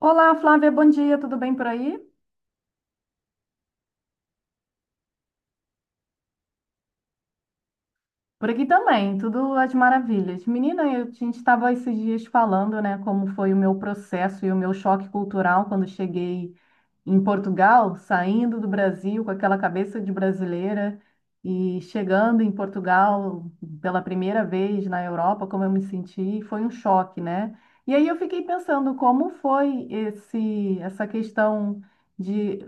Olá, Flávia, bom dia, tudo bem por aí? Por aqui também, tudo às maravilhas. Menina, a gente estava esses dias falando, né, como foi o meu processo e o meu choque cultural quando cheguei em Portugal, saindo do Brasil com aquela cabeça de brasileira e chegando em Portugal pela primeira vez na Europa, como eu me senti, foi um choque, né? E aí eu fiquei pensando como foi esse essa questão de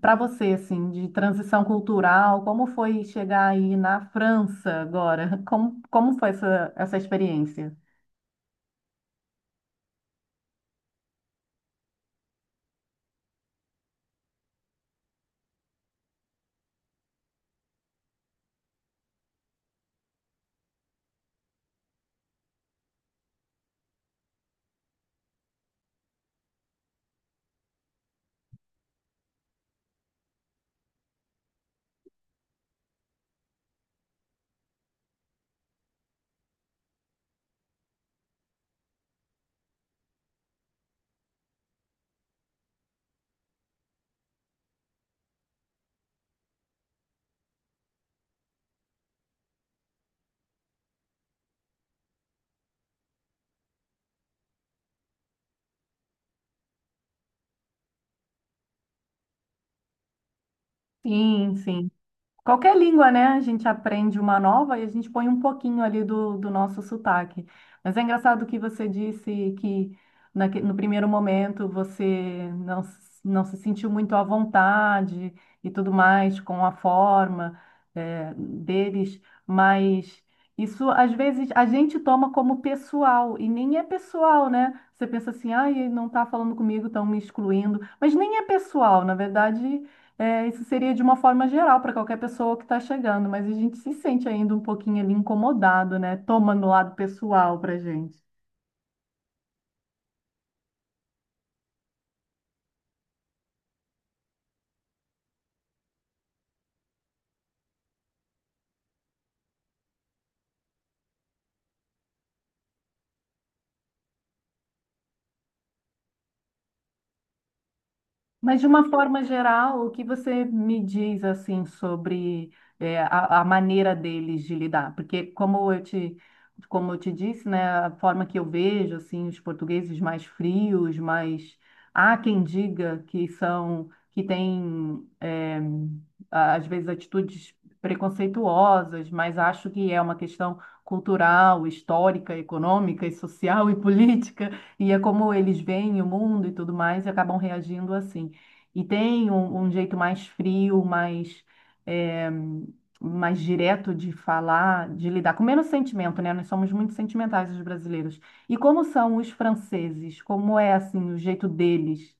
para você assim, de transição cultural, como foi chegar aí na França agora? Como foi essa experiência? Sim, sim. Qualquer língua, né? A gente aprende uma nova e a gente põe um pouquinho ali do nosso sotaque. Mas é engraçado que você disse que no primeiro momento você não, s- não se sentiu muito à vontade e tudo mais com a forma, deles, mas isso às vezes a gente toma como pessoal e nem é pessoal, né? Você pensa assim, ah, ele não está falando comigo, estão me excluindo, mas nem é pessoal, na verdade. É, isso seria de uma forma geral para qualquer pessoa que está chegando, mas a gente se sente ainda um pouquinho ali incomodado, né? Toma no lado pessoal para gente. Mas de uma forma geral, o que você me diz assim sobre a maneira deles de lidar? Porque como eu te disse, né, a forma que eu vejo assim os portugueses mais frios, mais há quem diga que são que têm às vezes atitudes preconceituosas, mas acho que é uma questão cultural, histórica, econômica e social e política, e é como eles veem o mundo e tudo mais e acabam reagindo assim. E tem um jeito mais frio, mais, é, mais direto de falar, de lidar, com menos sentimento, né? Nós somos muito sentimentais, os brasileiros. E como são os franceses? Como é, assim, o jeito deles?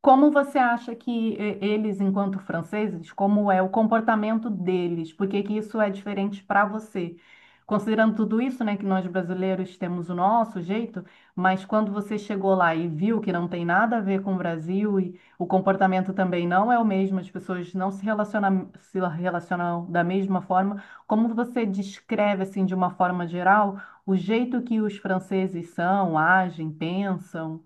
Como você acha que eles, enquanto franceses, como é o comportamento deles? Por que que isso é diferente para você? Considerando tudo isso, né, que nós brasileiros temos o nosso jeito, mas quando você chegou lá e viu que não tem nada a ver com o Brasil e o comportamento também não é o mesmo, as pessoas não se relacionam, se relacionam da mesma forma, como você descreve, assim, de uma forma geral, o jeito que os franceses são, agem, pensam?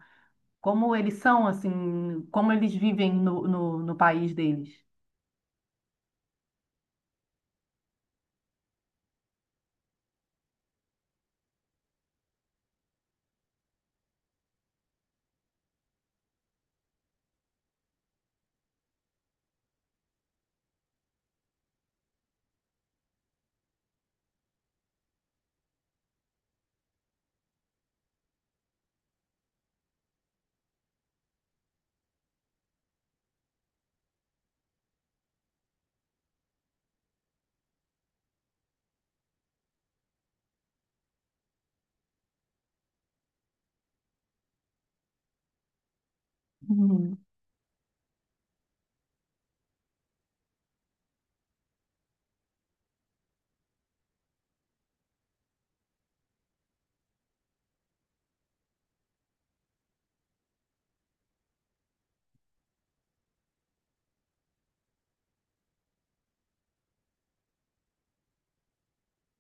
Como eles são, assim, como eles vivem no país deles.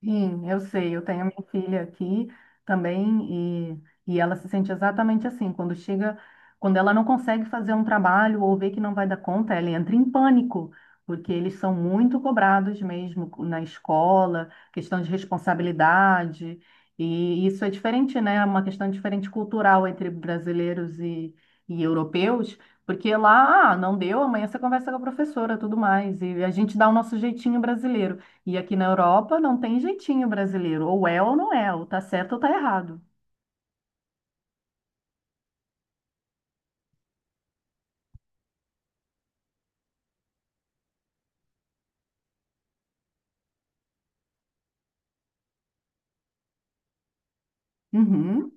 Sim, eu sei, eu tenho a minha filha aqui também e ela se sente exatamente assim, quando chega, quando ela não consegue fazer um trabalho ou vê que não vai dar conta, ela entra em pânico, porque eles são muito cobrados mesmo na escola, questão de responsabilidade, e isso é diferente, né? É uma questão diferente cultural entre e europeus, porque lá, ah, não deu, amanhã você conversa com a professora, tudo mais, e a gente dá o nosso jeitinho brasileiro. E aqui na Europa não tem jeitinho brasileiro. Ou é ou não é, ou tá certo ou tá errado. Uhum.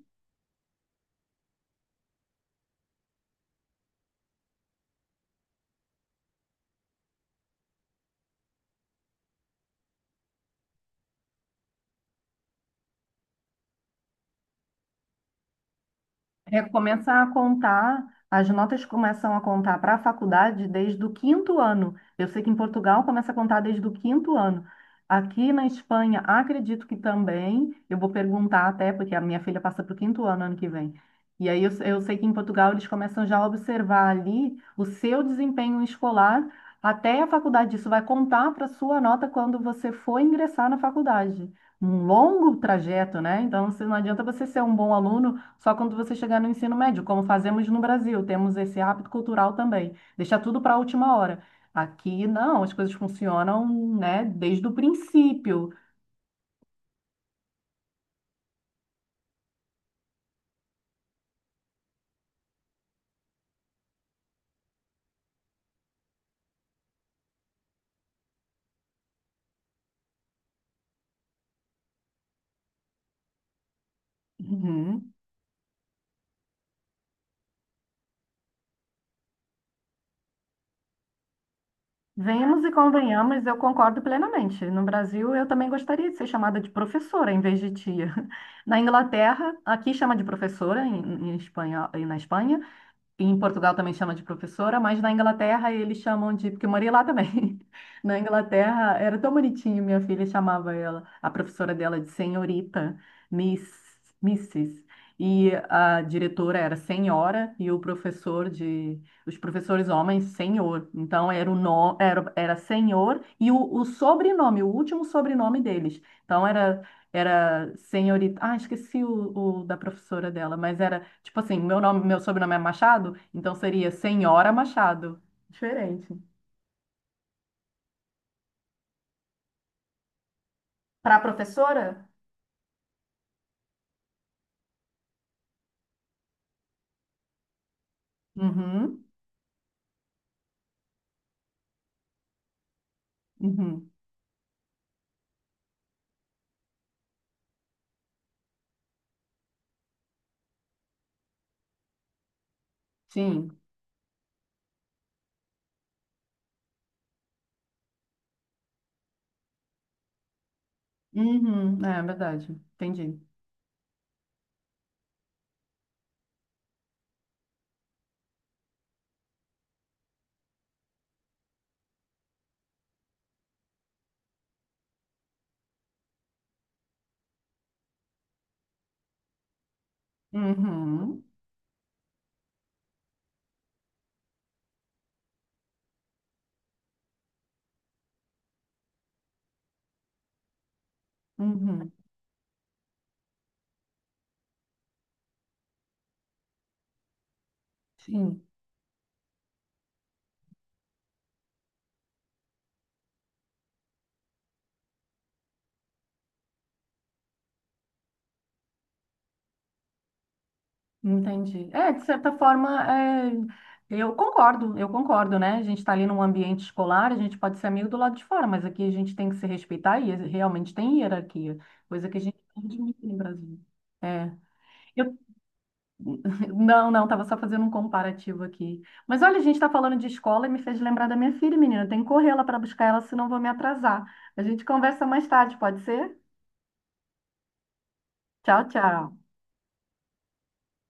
Recomeça a contar, as notas começam a contar para a faculdade desde o quinto ano. Eu sei que em Portugal começa a contar desde o quinto ano. Aqui na Espanha, acredito que também, eu vou perguntar até, porque a minha filha passa para o quinto ano ano que vem. E aí eu sei que em Portugal eles começam já a observar ali o seu desempenho escolar até a faculdade. Isso vai contar para a sua nota quando você for ingressar na faculdade. Um longo trajeto, né? Então, não adianta você ser um bom aluno só quando você chegar no ensino médio, como fazemos no Brasil, temos esse hábito cultural também, deixar tudo para a última hora. Aqui não, as coisas funcionam, né, desde o princípio. Uhum. Venhamos e convenhamos, eu concordo plenamente. No Brasil, eu também gostaria de ser chamada de professora em vez de tia. Na Inglaterra, aqui chama de professora em espanhol, e na Espanha, em Portugal também chama de professora, mas na Inglaterra eles chamam de, porque eu morei lá também. Na Inglaterra era tão bonitinho, minha filha chamava ela, a professora dela de senhorita, Miss, missis. E a diretora era senhora e o professor de, os professores homens, senhor. Então era era senhor e o sobrenome, o último sobrenome deles. Então era era senhorita. Ah, esqueci o da professora dela, mas era tipo assim: meu nome, meu sobrenome é Machado, então seria Senhora Machado. Diferente. Para a professora? Uhum, uhum, sim. Uhum, é verdade. Entendi. Uhum, uhum, sim. Entendi. É, de certa forma, é, eu concordo, né? A gente está ali num ambiente escolar, a gente pode ser amigo do lado de fora, mas aqui a gente tem que se respeitar e realmente tem hierarquia, coisa que a gente perde muito no Brasil. É. Eu... Não, não, estava só fazendo um comparativo aqui. Mas olha, a gente está falando de escola e me fez lembrar da minha filha, menina. Eu tenho que correr lá para buscar ela, senão eu vou me atrasar. A gente conversa mais tarde, pode ser? Tchau, tchau.